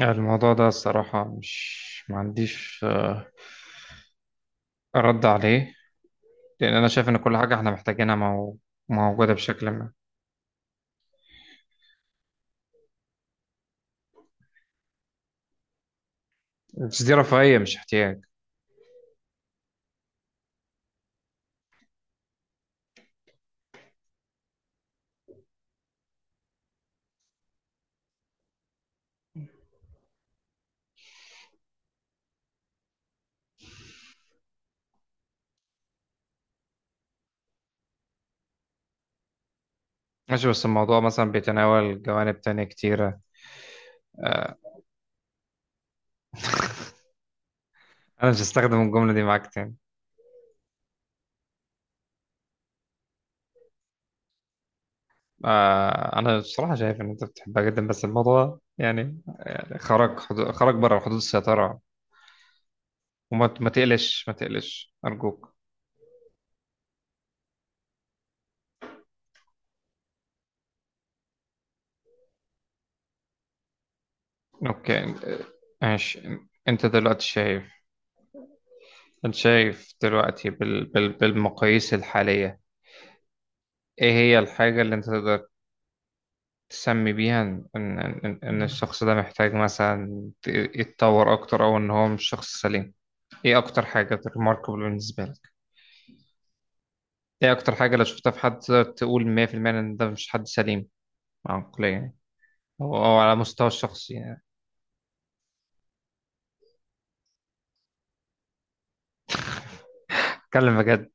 الموضوع ده الصراحة مش ما عنديش رد عليه. لأن أنا شايف إن كل حاجة إحنا محتاجينها موجودة بشكل ما. بس دي رفاهية مش احتياج. ماشي، بس الموضوع مثلا بيتناول جوانب تانية كتيرة. آه، أنا مش هستخدم الجملة دي معاك تاني. أنا بصراحة شايف إن أنت بتحبها جدا، بس الموضوع يعني خرج بره حدود السيطرة. وما ما تقلش ما تقلش أرجوك. أوكي، ماشي. أنت دلوقتي شايف انت شايف دلوقتي بالمقاييس الحالية، ايه هي الحاجة اللي انت تقدر تسمي بيها ان ان ان إن الشخص ده محتاج مثلا يتطور اكتر او ان هو مش شخص سليم؟ ايه اكتر حاجة ريماركبل بالنسبة لك؟ ايه اكتر حاجة لو شفتها في حد تقدر تقول 100% ان ده مش حد سليم عقليا يعني، او على مستوى الشخصي يعني؟ اتكلم بجد.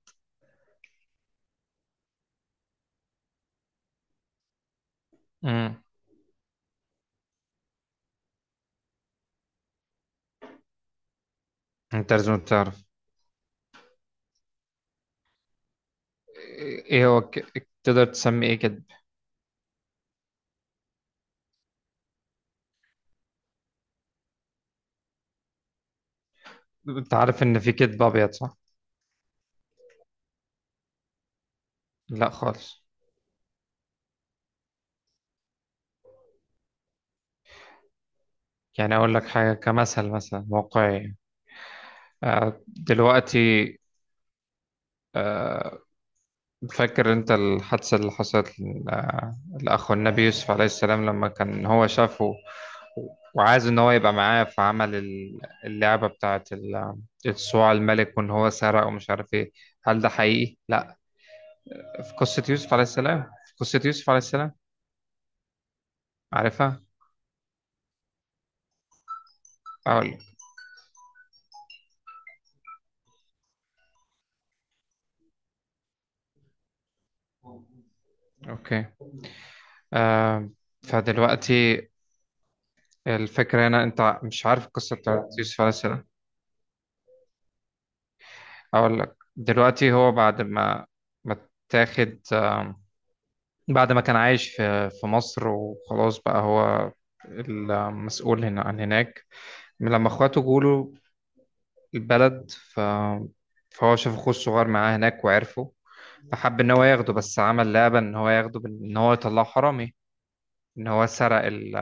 امم انت لازم تعرف. ايه هو تقدر تسمي ايه كده؟ انت عارف ان في كدب ابيض، صح؟ لا خالص. يعني أقول لك حاجة كمثل مثلا واقعي. دلوقتي فاكر أنت الحادثة اللي حصلت لأخو النبي يوسف عليه السلام لما كان هو شافه، وعايز إن هو يبقى معاه فعمل اللعبة بتاعة الصواع الملك وإن هو سرق ومش عارف إيه. هل ده حقيقي؟ لأ. في قصة يوسف عليه السلام. عارفها؟ أقول لك. أوكي، آه، فدلوقتي الفكرة هنا أنت مش عارف القصة بتاعة يوسف عليه السلام. اقول لك دلوقتي. هو بعد ما اتاخد، بعد ما كان عايش في مصر وخلاص بقى هو المسؤول هنا عن هناك، من لما اخواته جوله البلد فهو شاف اخوه الصغير معاه هناك وعرفه، فحب ان هو ياخده، بس عمل لعبة ان هو ياخده ان هو يطلعه حرامي، ان هو سرق ال...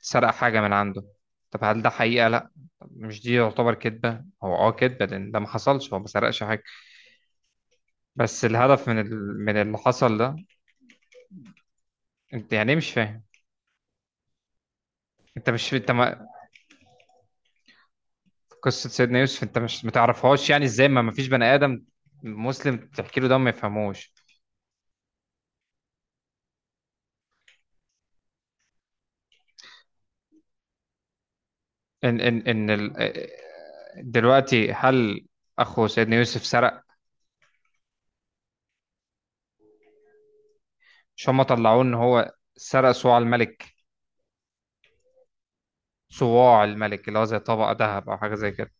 سرق حاجة من عنده. طب هل ده حقيقة؟ لا. مش دي يعتبر كذبة؟ هو كذبة لأن ده ما حصلش، هو ما سرقش حاجة. بس الهدف من اللي حصل ده. انت يعني ايه مش فاهم؟ انت ما... قصة سيدنا يوسف انت مش ما تعرفهاش؟ يعني ازاي ما فيش بني ادم مسلم تحكي له ده ما يفهموش؟ ان ان ان ال... إيه، دلوقتي هل اخو سيدنا يوسف سرق؟ مش هم طلعوه ان هو سرق صواع الملك؟ صواع الملك اللي هو زي طبق ذهب او حاجة زي كده.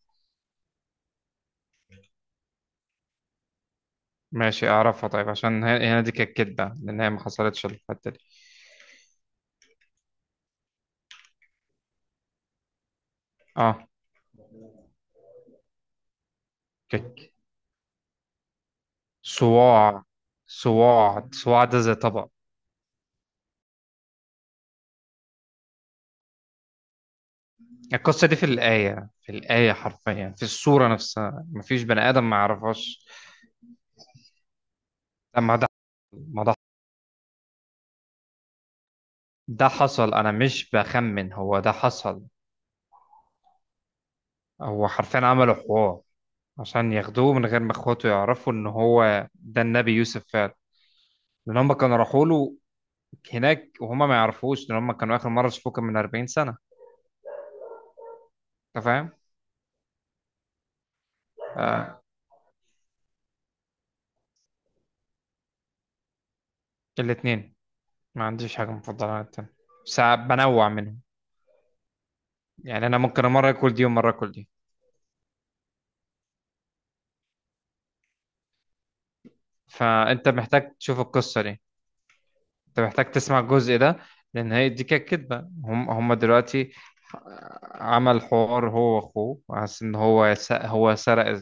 ماشي، اعرفها طيب عشان هنا دي كانت كدبة لان هي ما حصلتش الحتة دي. اه، كانت صواع صواع صواع ده زي طبق. القصة دي في الآية، في الآية حرفيا في السورة نفسها مفيش بني آدم ما يعرفهاش. لما ده ما ده ده حصل، أنا مش بخمن، هو ده حصل. هو حرفيا عملوا حوار عشان ياخدوه من غير ما إخواته يعرفوا إن هو ده النبي يوسف فعلا، لأن هم كانوا راحوا له هناك وهما ما يعرفوش لأن هم كانوا آخر مرة شافوه كان من 40 سنة. أنت فاهم؟ آه. الاتنين. ما عنديش حاجة مفضلة عن التاني، بس بنوع منهم، يعني أنا ممكن مرة آكل دي ومرة آكل دي. فأنت محتاج تشوف القصة دي. انت محتاج تسمع الجزء ده لان هي دي كانت كدبه. هم دلوقتي عمل حوار هو واخوه حاسس ان هو سرق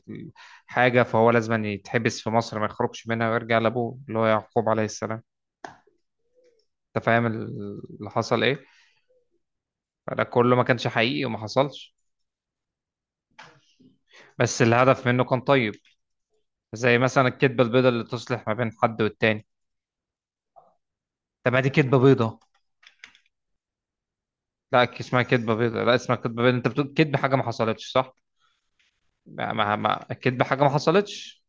حاجه، فهو لازم يتحبس في مصر، ما يخرجش منها ويرجع لابوه اللي هو يعقوب عليه السلام. انت فاهم اللي حصل ايه؟ فده كله ما كانش حقيقي وما حصلش. بس الهدف منه كان طيب، زي مثلا الكدبه البيضاء اللي تصلح ما بين حد والتاني. طب ما دي كدبه بيضاء. لا، اسمها كدبه بيضاء، لا، اسمها كدبه بيضاء. انت بتقول كدب حاجه ما حصلتش، صح؟ الكدبه حاجه ما حصلتش.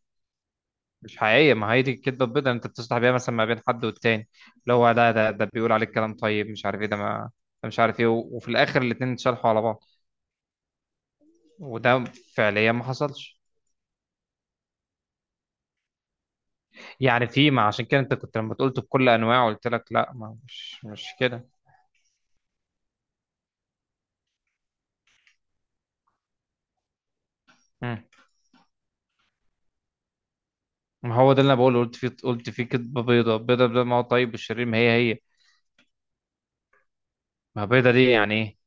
مش حقيقية، ما هي دي الكدبة البيضاء اللي انت بتصلح بيها مثلا ما بين حد والتاني، اللي هو ده بيقول عليك كلام طيب مش عارف ايه، ده مش عارف ايه وفي الاخر الاتنين اتشرحوا على بعض، وده فعليا ما حصلش. يعني ما عشان كده انت كنت لما قلت بكل انواع قلت لك لا، ما مش كده. مم. ما هو ده اللي انا بقوله، قلت فيه كدبة بيضاء بيضاء بيضاء، ما هو طيب والشرير ما هي. ما بيضاء دي يعني ايه؟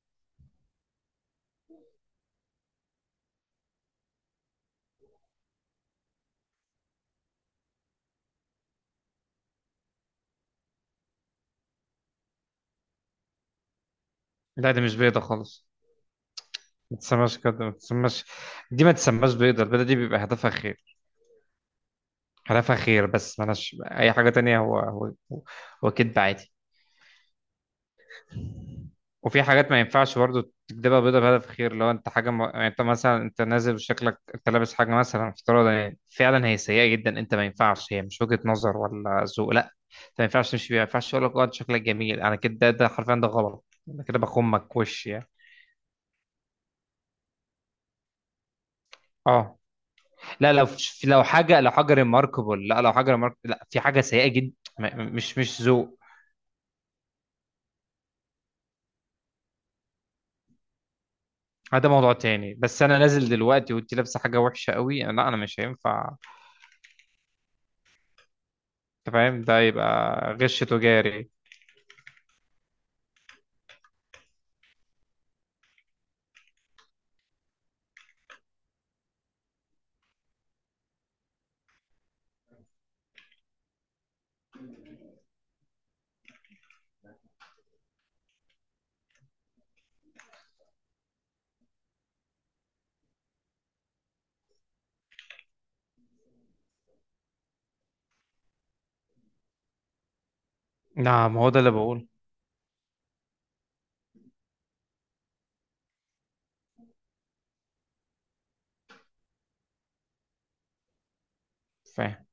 لا، دي مش بيضاء خالص. ما تسماش كده، ما تسماش. دي ما تسماش بيضاء. البيضاء دي بيبقى هدفها خير، خلافها خير، بس ملهاش اي حاجه تانية، هو كدب عادي. وفي حاجات ما ينفعش برضه تكدبها بيضة بهدف خير. لو انت حاجه يعني انت مثلا انت نازل وشكلك، انت لابس حاجه مثلا افتراضا، يعني فعلا هي سيئه جدا، انت ما ينفعش، هي مش وجهه نظر ولا ذوق، لا. انت ما ينفعش تمشي بيها. ما ينفعش اقول لك اه انت شكلك جميل، انا كده ده حرفيا ده غلط. انا كده بخمك وش يعني. اه، لا، لو حاجه ريماركبل، لا، لو حاجه ريماركبل، لا، في حاجه سيئه جدا. مش ذوق. ده موضوع تاني. بس انا نازل دلوقتي وانت لابسه حاجه وحشه قوي، لا، انا مش هينفع. انت فاهم؟ ده يبقى غش تجاري. نعم، هو ده اللي بقول. فاهم.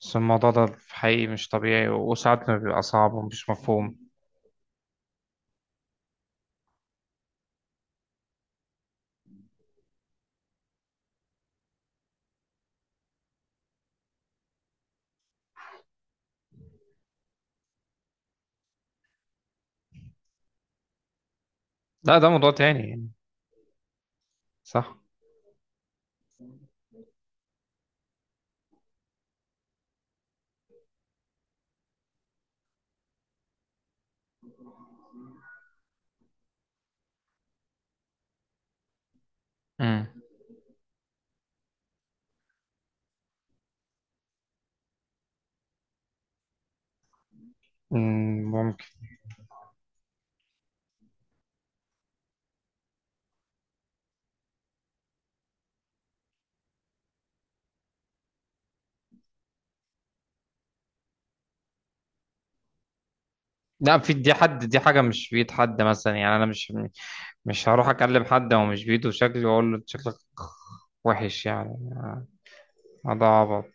بس الموضوع ده في حقيقي مش طبيعي، وساعات ما بيبقى صعب ومش مفهوم. لا، ده موضوع تاني يعني. صح. امم ممكن. لا، في دي حد دي حاجه مش بيد حد مثلا، يعني انا مش هروح اكلم حد هو مش بيده شكلي واقول له أنت شكلك وحش يعني. هذا عبط.